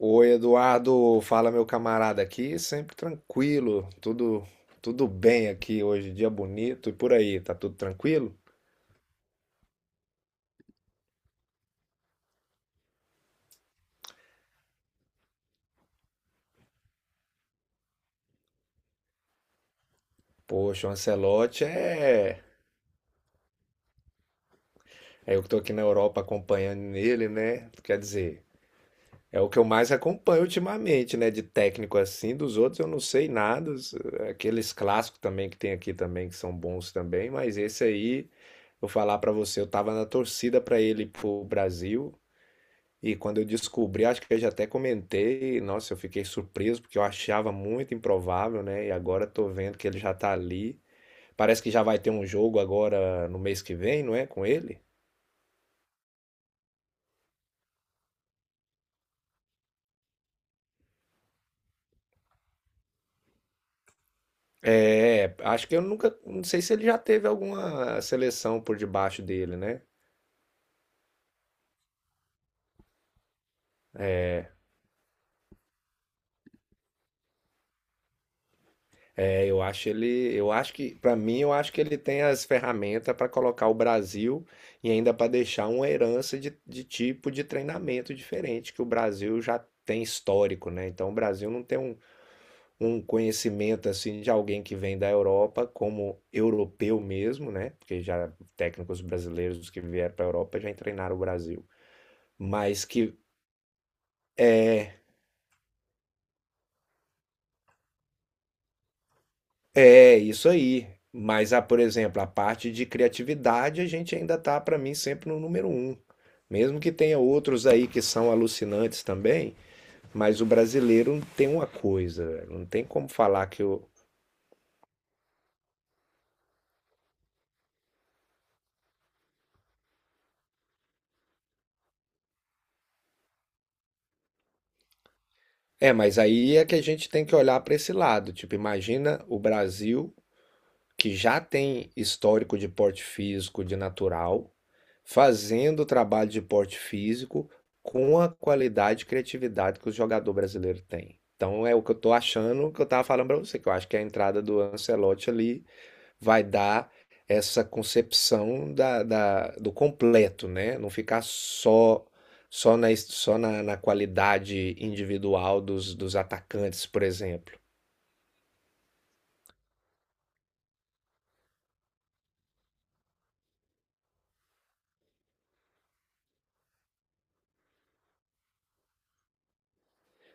Oi, Eduardo, fala meu camarada aqui, sempre tranquilo, tudo bem aqui hoje, dia bonito e por aí, tá tudo tranquilo? Poxa, o Ancelotti é eu que tô aqui na Europa acompanhando ele, né? Quer dizer, é o que eu mais acompanho ultimamente, né, de técnico assim, dos outros eu não sei nada, aqueles clássicos também que tem aqui também que são bons também, mas esse aí, vou falar pra você, eu tava na torcida pra ele ir pro Brasil. E quando eu descobri, acho que eu já até comentei, nossa, eu fiquei surpreso porque eu achava muito improvável, né? E agora tô vendo que ele já tá ali. Parece que já vai ter um jogo agora no mês que vem, não é? Com ele? É, acho que eu nunca, não sei se ele já teve alguma seleção por debaixo dele, né? É, eu acho que, pra mim, eu acho que ele tem as ferramentas pra colocar o Brasil e ainda pra deixar uma herança de tipo de treinamento diferente que o Brasil já tem histórico, né? Então o Brasil não tem um conhecimento assim de alguém que vem da Europa, como europeu mesmo, né? Porque já técnicos brasileiros que vieram para a Europa já treinaram o Brasil. Mas que é isso aí. Mas, ah, por exemplo, a parte de criatividade a gente ainda tá, para mim, sempre no número um. Mesmo que tenha outros aí que são alucinantes também, mas o brasileiro tem uma coisa, velho, não tem como falar que o. É, mas aí é que a gente tem que olhar para esse lado. Tipo, imagina o Brasil que já tem histórico de porte físico de natural, fazendo o trabalho de porte físico com a qualidade e criatividade que o jogador brasileiro tem. Então é o que eu estou achando, que eu estava falando para você, que eu acho que a entrada do Ancelotti ali vai dar essa concepção da, do completo, né? Não ficar só na, na qualidade individual dos, dos atacantes, por exemplo.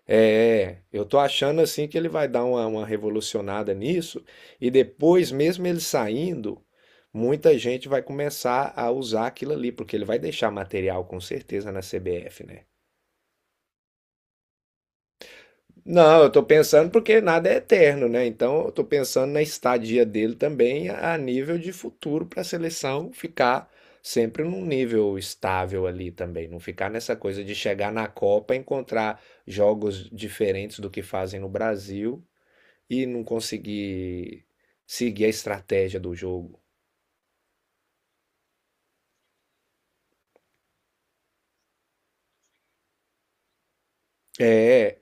É, eu tô achando assim que ele vai dar uma revolucionada nisso, e depois, mesmo ele saindo, muita gente vai começar a usar aquilo ali, porque ele vai deixar material com certeza na CBF, né? Não, eu tô pensando porque nada é eterno, né? Então eu tô pensando na estadia dele também a nível de futuro para a seleção ficar sempre num nível estável ali também, não ficar nessa coisa de chegar na Copa e encontrar jogos diferentes do que fazem no Brasil e não conseguir seguir a estratégia do jogo. É,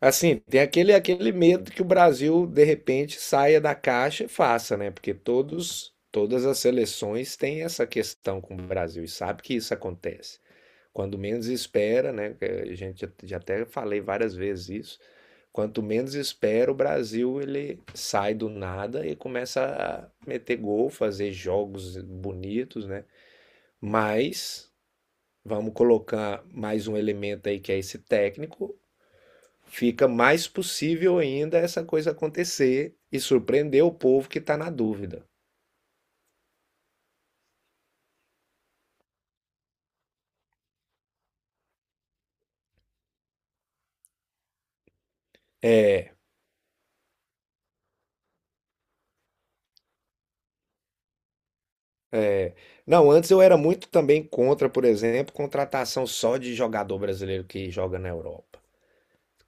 assim, tem aquele medo que o Brasil, de repente, saia da caixa e faça, né? Porque todos, todas as seleções têm essa questão com o Brasil e sabe que isso acontece. Quando menos espera, né? que A gente já até falei várias vezes isso. Quanto menos espera, o Brasil ele sai do nada e começa a meter gol, fazer jogos bonitos, né? Mas vamos colocar mais um elemento aí que é esse técnico. Fica mais possível ainda essa coisa acontecer e surpreender o povo que está na dúvida. É, é. Não, antes eu era muito também contra, por exemplo, contratação só de jogador brasileiro que joga na Europa.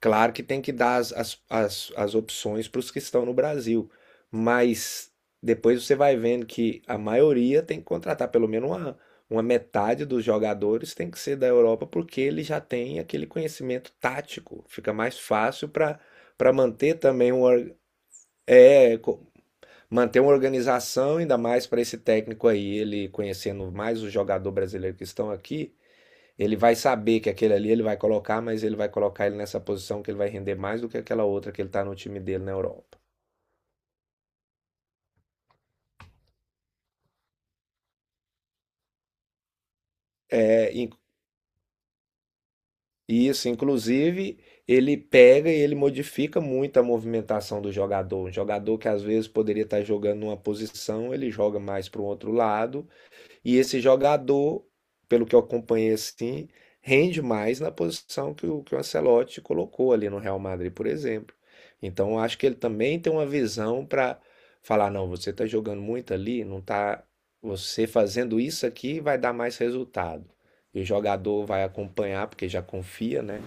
Claro que tem que dar as, as opções para os que estão no Brasil, mas depois você vai vendo que a maioria tem que contratar pelo menos uma metade dos jogadores tem que ser da Europa porque ele já tem aquele conhecimento tático. Fica mais fácil para manter também um é co- manter uma organização ainda mais para esse técnico aí, ele conhecendo mais o jogador brasileiro que estão aqui, ele vai saber que aquele ali ele vai colocar, mas ele vai colocar ele nessa posição que ele vai render mais do que aquela outra que ele está no time dele na Europa. É, in- e isso, inclusive, ele pega e ele modifica muito a movimentação do jogador. Um jogador que às vezes poderia estar jogando numa posição, ele joga mais para o outro lado. E esse jogador, pelo que eu acompanhei assim, rende mais na posição que que o Ancelotti colocou ali no Real Madrid, por exemplo. Então, eu acho que ele também tem uma visão para falar, não, você está jogando muito ali, não tá, você fazendo isso aqui vai dar mais resultado. E o jogador vai acompanhar, porque já confia, né?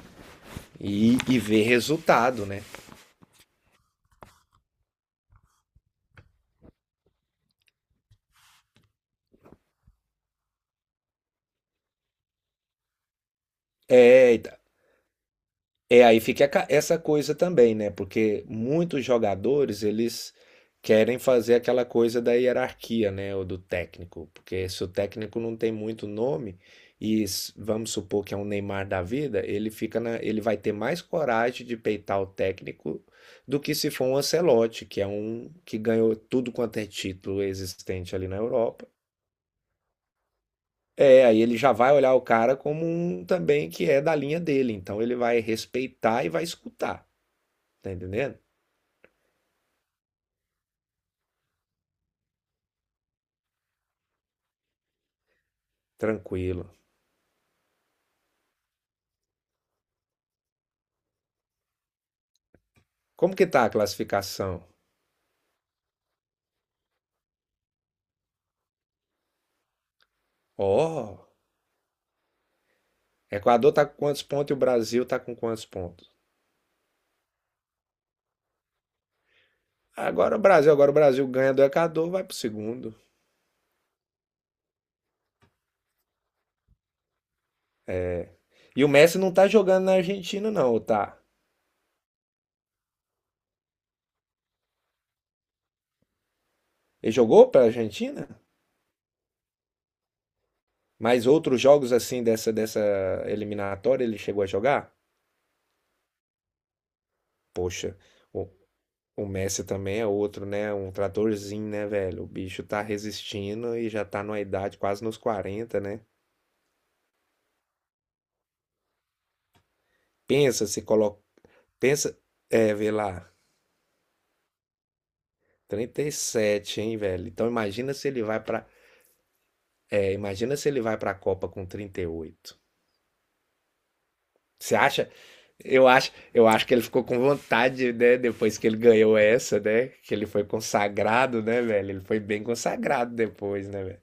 E vê resultado, né? É, aí fica a essa coisa também, né? Porque muitos jogadores, eles querem fazer aquela coisa da hierarquia, né? Ou do técnico. Porque se o técnico não tem muito nome, vamos supor que é um Neymar da vida, ele fica na, ele vai ter mais coragem de peitar o técnico do que se for um Ancelotti, que é um que ganhou tudo quanto é título existente ali na Europa. É, aí ele já vai olhar o cara como um também que é da linha dele, então ele vai respeitar e vai escutar. Tá entendendo? Tranquilo. Como que tá a classificação? Ó, Equador tá com quantos pontos e o Brasil tá com quantos pontos? Agora o Brasil ganha do Equador, vai pro segundo. E o Messi não tá jogando na Argentina não, ou tá? Ele jogou pra Argentina? Mas outros jogos assim dessa eliminatória ele chegou a jogar? Poxa, o, o Messi também é outro, né? Um tratorzinho, né, velho? O bicho tá resistindo e já tá numa idade quase nos 40, né? Pensa se colo Pensa, é, vê lá, 37 hein, velho? Então imagina se ele vai pra. É, imagina se ele vai pra Copa com 38. Você acha? Eu acho que ele ficou com vontade, né, depois que ele ganhou essa, né? Que ele foi consagrado, né, velho? Ele foi bem consagrado depois, né, velho?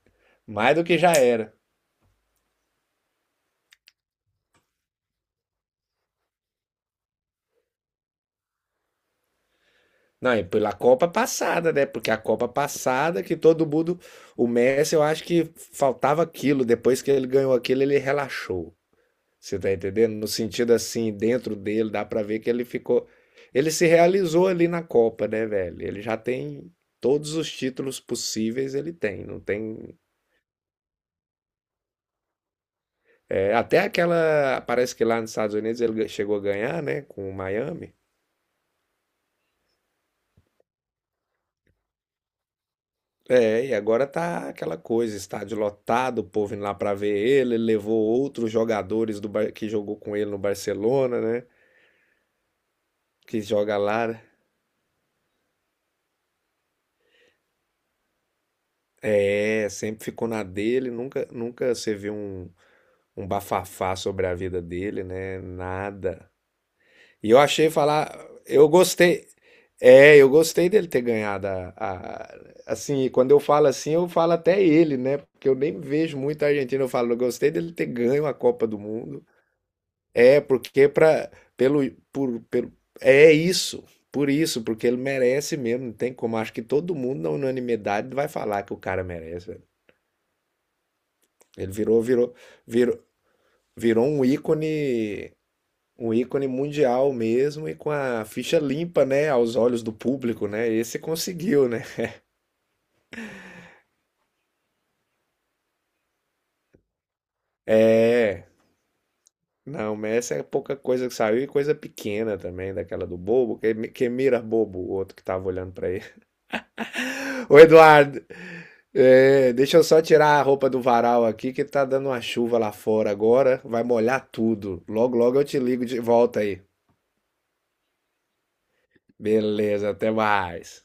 Mais do que já era. Não, e pela Copa passada, né? Porque a Copa passada que todo mundo, o Messi, eu acho que faltava aquilo. Depois que ele ganhou aquilo, ele relaxou. Você tá entendendo? No sentido assim, dentro dele, dá pra ver que ele ficou. Ele se realizou ali na Copa, né, velho? Ele já tem todos os títulos possíveis, ele tem. Não tem. É, até aquela. Parece que lá nos Estados Unidos ele chegou a ganhar, né? Com o Miami. É, e agora tá aquela coisa, estádio lotado, o povo indo lá pra ver ele, ele levou outros jogadores do que jogou com ele no Barcelona, né? Que joga lá, né? É, sempre ficou na dele, nunca você viu um bafafá sobre a vida dele, né? Nada. E eu achei falar, eu gostei. É, eu gostei dele ter ganhado assim, quando eu falo assim, eu falo até ele, né? Porque eu nem vejo muito a Argentina, eu falo, eu gostei dele ter ganho a Copa do Mundo. É, porque para pelo é isso. Por isso, porque ele merece mesmo, não tem como. Acho que todo mundo na unanimidade vai falar que o cara merece, velho. Ele virou, virou, virou, virou um ícone. Um ícone mundial mesmo e com a ficha limpa, né, aos olhos do público, né? Esse conseguiu, né? É. Não, Messi é pouca coisa que saiu e coisa pequena também, daquela do bobo, que mira bobo, o outro que tava olhando pra ele. Ô, Eduardo, é, deixa eu só tirar a roupa do varal aqui, que tá dando uma chuva lá fora agora, vai molhar tudo. Logo, logo eu te ligo de volta aí. Beleza, até mais.